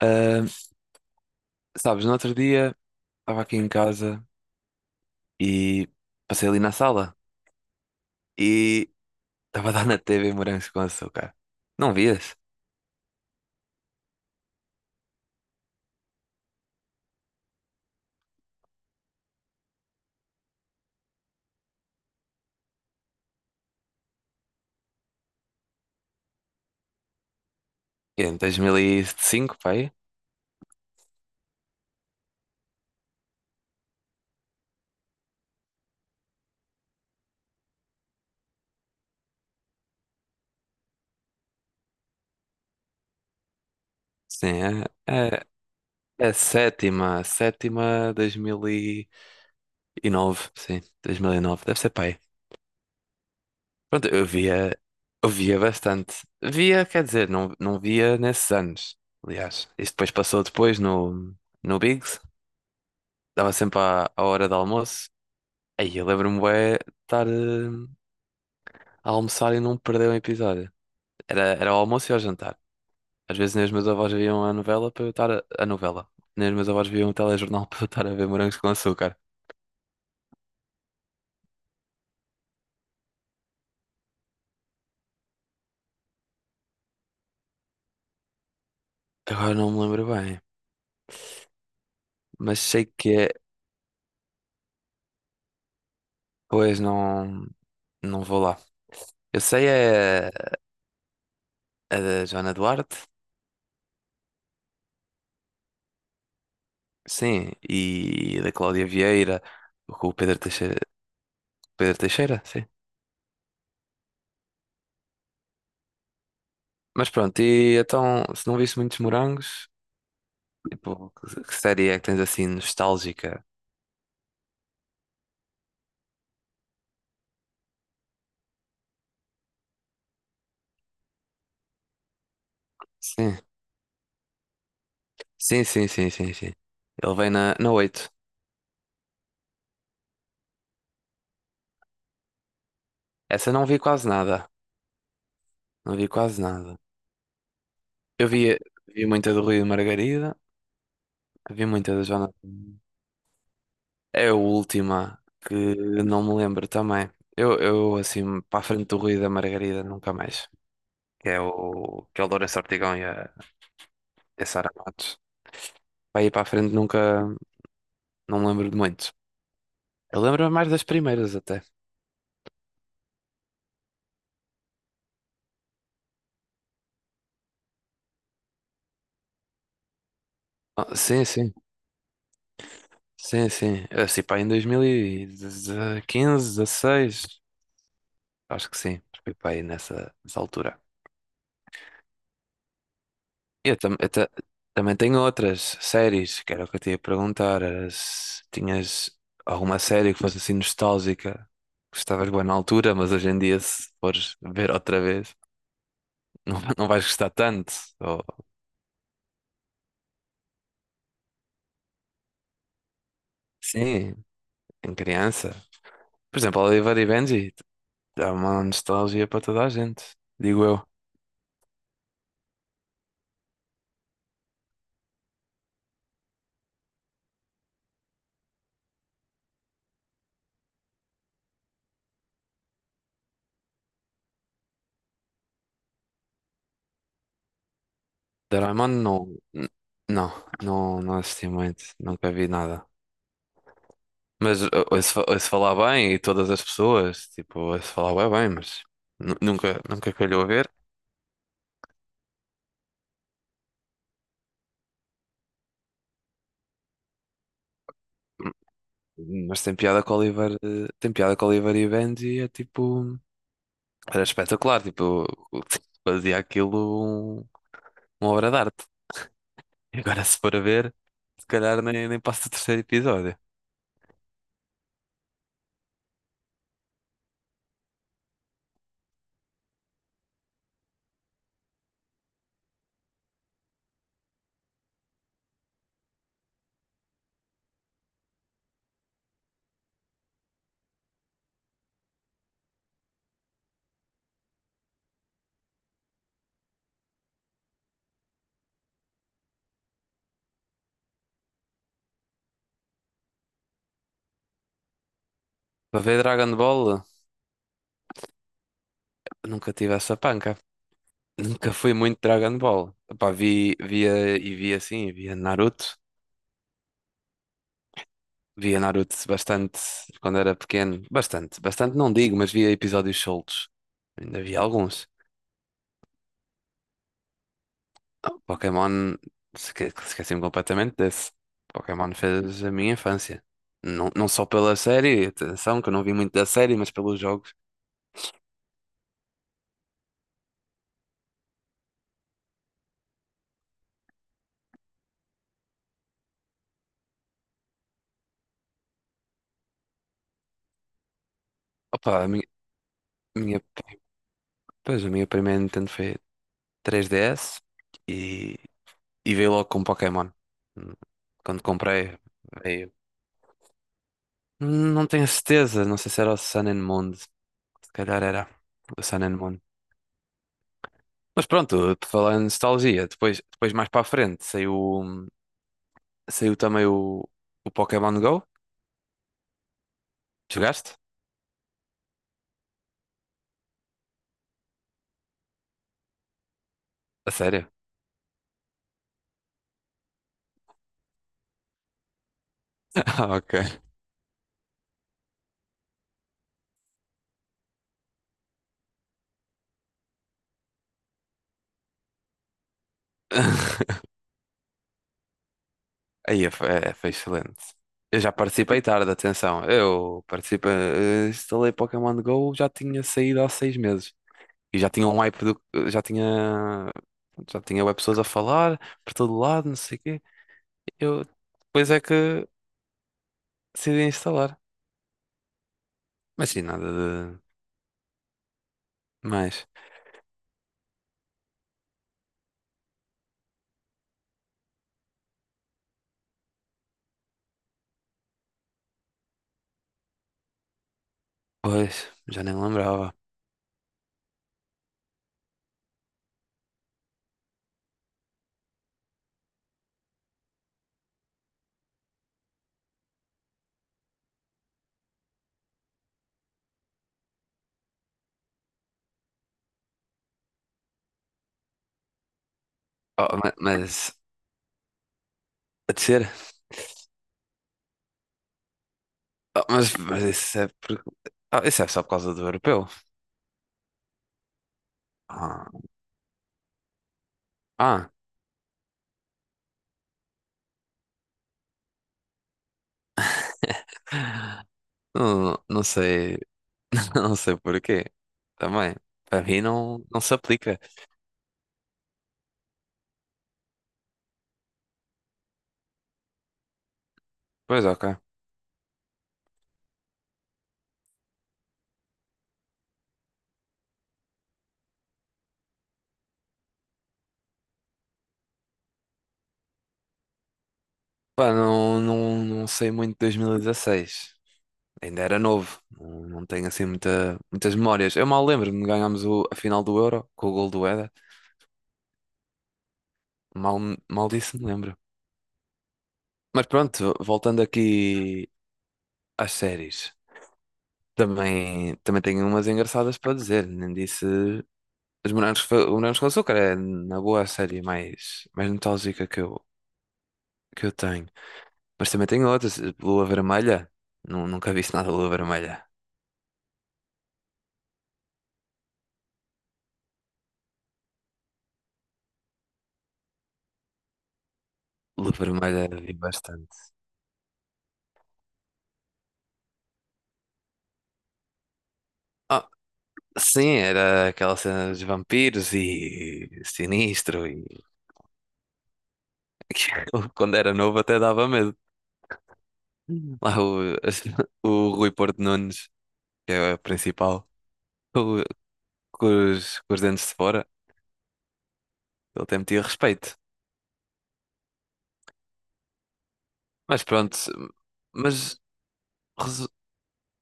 Ah, sabes, no outro dia estava aqui em casa e passei ali na sala e estava a dar na TV Morangos com Açúcar. Não vias? É de dois mil e cinco, pai? Sim, é, é, é sétima, sétima, dois mil e nove, sim, 2009 deve ser, pai. Pronto, eu via bastante. Via, quer dizer, não, via nesses anos, aliás. Isso depois passou depois no, no Biggs, dava sempre à, à hora do almoço. Aí eu lembro-me bué de estar a almoçar e não perder um episódio. Era, era o almoço e ao jantar. Às vezes nem os meus avós viam a novela para eu estar a novela. Nem os meus avós viam o telejornal para eu estar a ver Morangos com Açúcar. Agora não me lembro bem, mas sei que é. Pois não, não vou lá. Eu sei é a da Joana Duarte, sim, e a da Cláudia Vieira, com o Pedro Teixeira. Pedro Teixeira, sim. Mas pronto, e então, se não viste muitos morangos. Tipo, que série é que tens assim nostálgica? Sim, sim, sim, sim, sim, sim. Ele vem na, na oito. Essa não vi quase nada. Não vi quase nada. Eu vi, vi muita do Rui e Margarida, vi muita da Jonathan. É a última que não me lembro também. Eu assim, para a frente do Rui e da Margarida, nunca mais. Que é o Lourenço Ortigão e a Sara Matos. Para ir para a frente nunca, não me lembro de muito. Eu lembro mais das primeiras até. Ah, sim, sim. Sim, sim. É, assim, pá, em 2015, 16, acho que sim. Fui pá, aí nessa, nessa altura. E eu, também tenho outras séries, que era o que eu te ia perguntar. Era se tinhas alguma série que fosse assim nostálgica, que estavas boa na altura, mas hoje em dia, se fores ver outra vez, não, não vais gostar tanto. Ou, sim, em criança. Por exemplo, Oliver e Benji, dá uma nostalgia para toda a gente, digo eu. Doraemon não. Não, não, não assisti muito, nunca vi nada. Mas ouço, ouço falar bem e todas as pessoas, tipo, ouço falar bem, bem, mas nunca, nunca calhou a ver. Mas tem piada com o Oliver, tem piada com o Oliver e Benji, é tipo, era espetacular, tipo, fazia uma obra de arte. E agora se for a ver, se calhar nem, nem passa o terceiro episódio. Para ver Dragon Ball, nunca tive essa panca. Nunca fui muito Dragon Ball. Epá, vi, via e via assim, via Naruto. Via Naruto bastante quando era pequeno. Bastante, bastante não digo, mas via episódios soltos. Ainda vi alguns. Ah, Pokémon, esqueci-me completamente desse. Pokémon fez a minha infância. Não, não só pela série, atenção, que eu não vi muito da série, mas pelos jogos. Opa, a minha, minha, pois, a minha primeira Nintendo foi 3DS e, e veio logo com Pokémon. Hum, Quando comprei, veio. Não tenho certeza, não sei se era o Sun and Moon, se calhar era o Sun and Moon. Mas pronto, por falar em nostalgia, depois, depois mais para a frente saiu, saiu também o Pokémon Go. Jogaste? A sério? Ah, ok. Aí foi, é, foi excelente. Eu já participei tarde, atenção. Eu participei, instalei Pokémon Go, já tinha saído há seis meses. E já tinha um hype do, já tinha, já tinha web pessoas a falar por todo lado, não sei o quê. Eu depois é que decidi instalar. Mas sim, nada de mais. Pois, já nem me lembrava. Oh, mas, a descer? Oh, mas isso é por... Ah, isso é só por causa do europeu. Ah, ah. Não, não sei, não sei porquê. Também, para mim não, não se aplica. Pois, ok. Pá, não, não, não sei muito de dois mil e dezasseis. Ainda era novo. Não, não tenho assim muita, muitas memórias. Eu mal lembro-me de ganharmos o, a final do Euro com o gol do Éder. Mal, mal disso me lembro. Mas pronto, voltando aqui às séries. Também, também tenho umas engraçadas para dizer. Nem disse. Os Morangos, o Morangos com Açúcar é, na boa, a série mais, mais nostálgica que eu tenho. Mas também tenho outras. Lua Vermelha. Nunca vi nada de Lua Vermelha. Lua Vermelha vi bastante. Ah, sim, era aquela cena dos vampiros e sinistro. E... aquilo, quando era novo até dava medo. Lá o, o Rui Porto Nunes, que é o principal, com, com os dentes de fora, ele até metia respeito. Mas pronto, mas resu-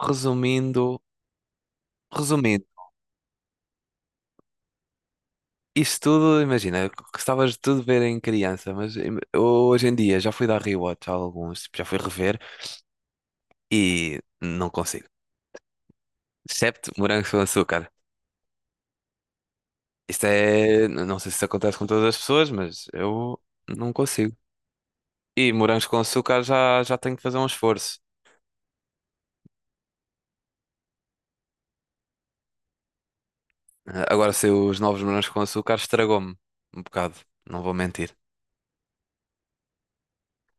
resumindo, resumindo, isto tudo, imagina, gostavas de tudo ver em criança, mas hoje em dia já fui dar rewatch a alguns, tipo, já fui rever e não consigo. Excepto morangos com açúcar. Isto é, não sei se isso acontece com todas as pessoas, mas eu não consigo. E morangos com açúcar já, já tenho que fazer um esforço. Ah, agora sei os novos morangos com açúcar estragou-me um bocado, não vou mentir.